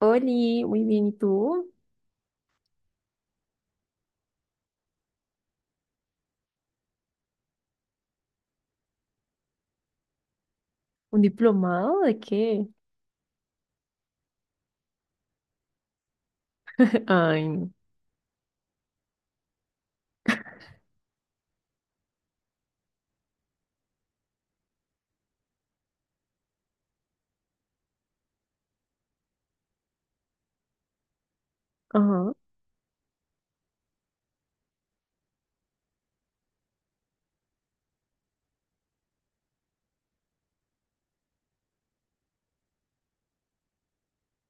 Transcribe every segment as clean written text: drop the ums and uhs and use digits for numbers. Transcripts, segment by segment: Oli, muy bien, ¿y tú? ¿Un diplomado de qué? Ay, no. Ajá.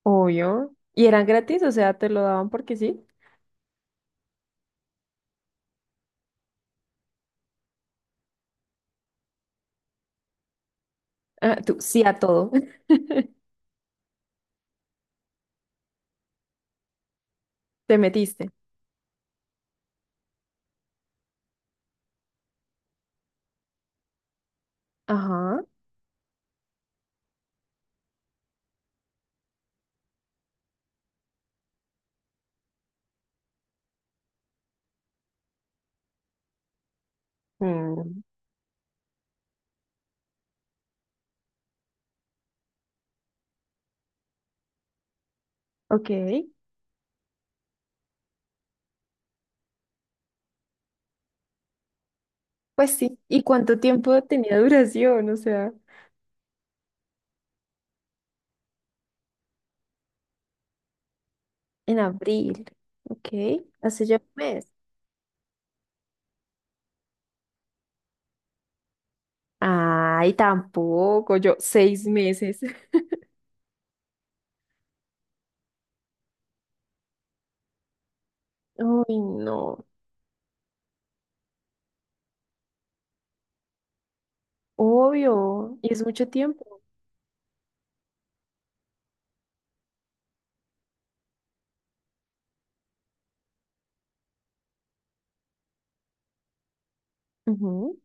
Obvio. ¿Y eran gratis? O sea, ¿te lo daban porque sí? Ah, tú, sí a todo. Te metiste. Ajá. Mm, ok. Pues sí. ¿Y cuánto tiempo tenía duración? O sea, en abril. Ok, hace ya un mes. Ay, tampoco, yo 6 meses. Ay, no, obvio. Y es mucho tiempo. Ujú.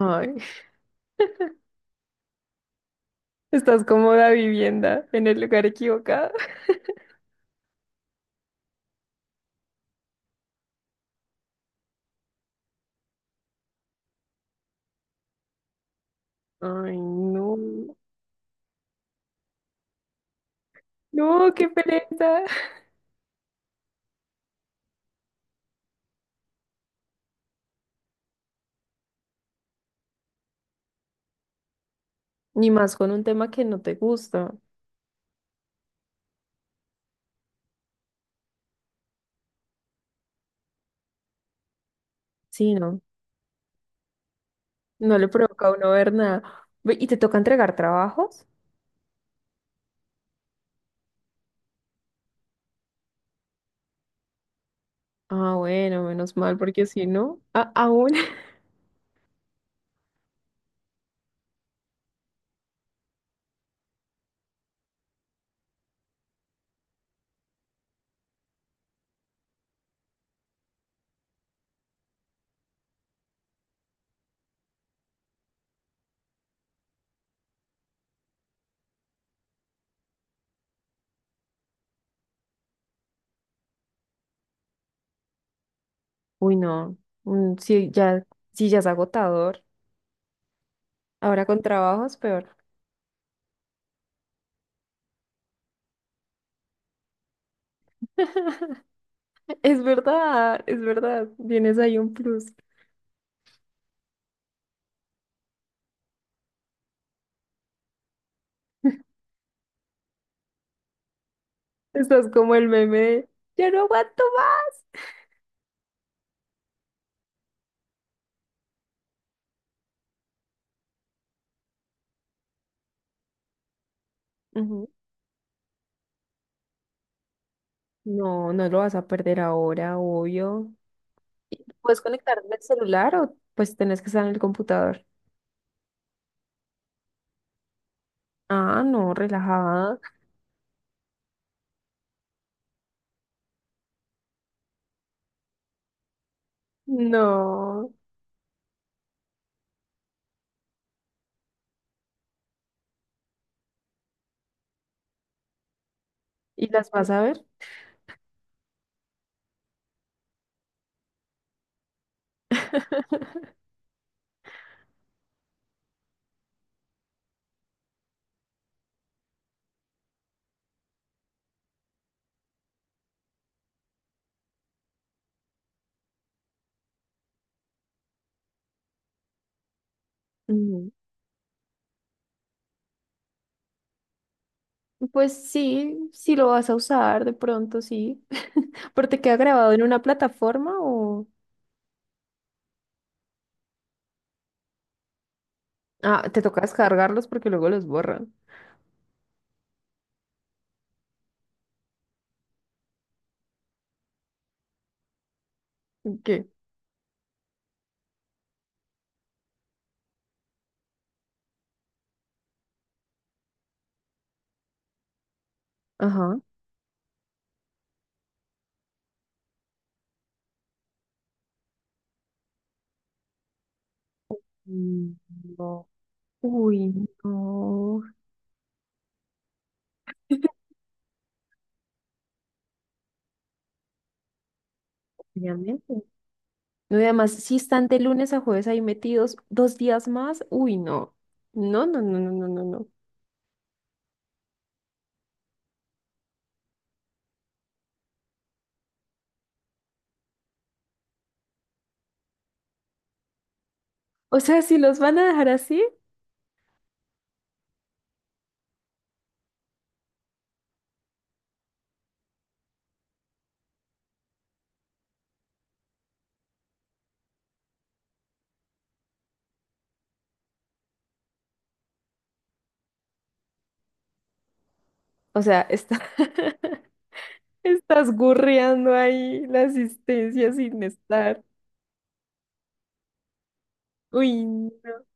Ay. Estás cómoda vivienda en el lugar equivocado. Ay, no. No, qué pereza. Ni más con un tema que no te gusta. Sí, no. No le provoca a uno ver nada. Ve, ¿y te toca entregar trabajos? Ah, bueno, menos mal, porque si no, aún. Uy, no. Mm, sí, ya, sí, ya es agotador. Ahora con trabajos, peor. Es verdad, es verdad. Tienes ahí un plus. Estás como el meme de, ya no aguanto más. Ujú. No, no lo vas a perder ahora, obvio. ¿Puedes conectar del celular o pues tenés que estar en el computador? Ah, no, relajada. No. ¿Y las vas a ver? Mm, pues sí, sí lo vas a usar de pronto, sí. ¿Pero te queda grabado en una plataforma o...? Ah, te toca descargarlos porque luego los borran. ¿Qué? Ajá. Mm, no. Uy, no. Obviamente. No, y además, si están de lunes a jueves ahí metidos 2 días más, uy, no. No, no, no, no, no, no, no. O sea, si los van a dejar así, o sea, estáestás gurreando ahí la asistencia sin estar. Uy, no.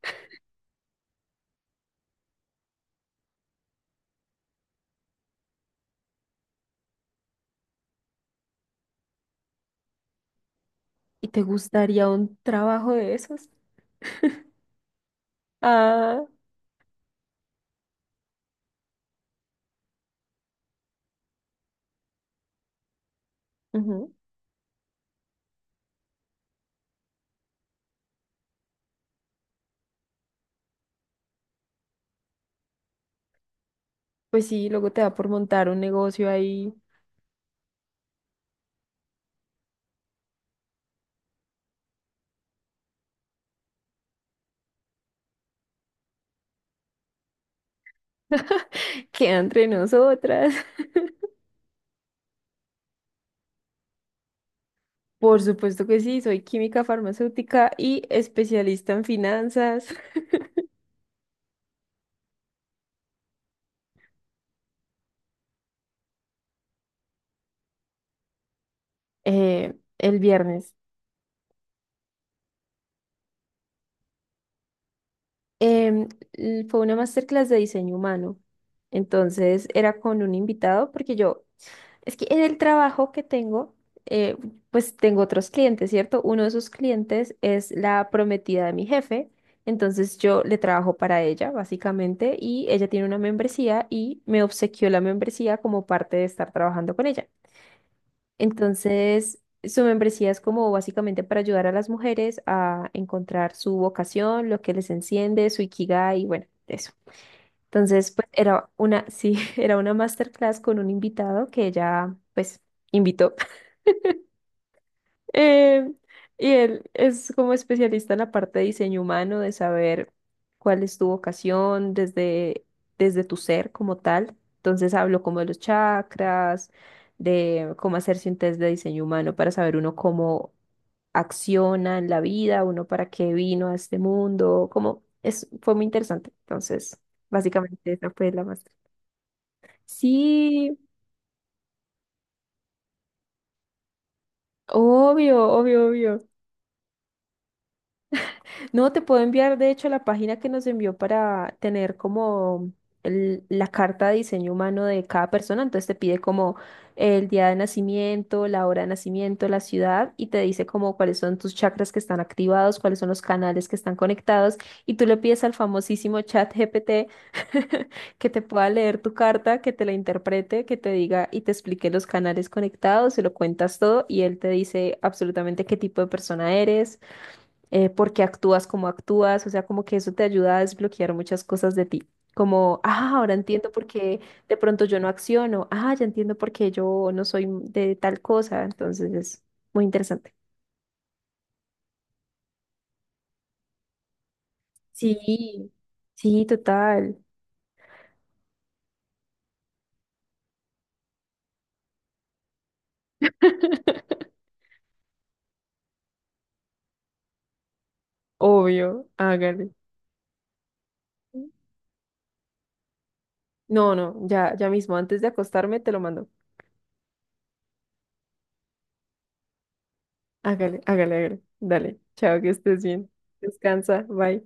¿Y te gustaría un trabajo de esos? Ah, ujú. Pues sí, luego te da por montar un negocio ahí. Queda entre nosotras. Por supuesto que sí, soy química farmacéutica y especialista en finanzas. El viernes. Em, Fue una masterclass de diseño humano. Entonces era con un invitado porque yo, es que en el trabajo que tengo, eh, pues tengo otros clientes, ¿cierto? Uno de esos clientes es la prometida de mi jefe. Entonces yo le trabajo para ella, básicamente, y ella tiene una membresía y me obsequió la membresía como parte de estar trabajando con ella. Entonces, su membresía es como básicamente para ayudar a las mujeres a encontrar su vocación, lo que les enciende, su ikigai, y bueno, eso. Entonces, pues era una, sí, era una masterclass con un invitado que ella, pues, invitó. Eh, y él es como especialista en la parte de diseño humano, de saber cuál es tu vocación desde tu ser como tal. Entonces hablo como de los chakras, de cómo hacerse un test de diseño humano para saber uno cómo acciona en la vida, uno para qué vino a este mundo, como es, fue muy interesante. Entonces, básicamente esa fue la maestra. Sí, obvio, obvio, obvio. No, te puedo enviar, de hecho, la página que nos envió para tener como la carta de diseño humano de cada persona. Entonces te pide como el día de nacimiento, la hora de nacimiento, la ciudad y te dice como cuáles son tus chakras que están activados, cuáles son los canales que están conectados. Y tú le pides al famosísimo chat GPT que te pueda leer tu carta, que te la interprete, que te diga y te explique los canales conectados, se lo cuentas todo y él te dice absolutamente qué tipo de persona eres, por qué actúas como actúas, o sea, como que eso te ayuda a desbloquear muchas cosas de ti. Como, ah, ahora entiendo por qué de pronto yo no acciono, ah, ya entiendo por qué yo no soy de tal cosa, entonces es muy interesante. Sí, sí, total. Obvio, hágale. No, no, ya, ya mismo, antes de acostarme te lo mando. Hágale, hágale, hágale. Dale, chao, que estés bien. Descansa, bye.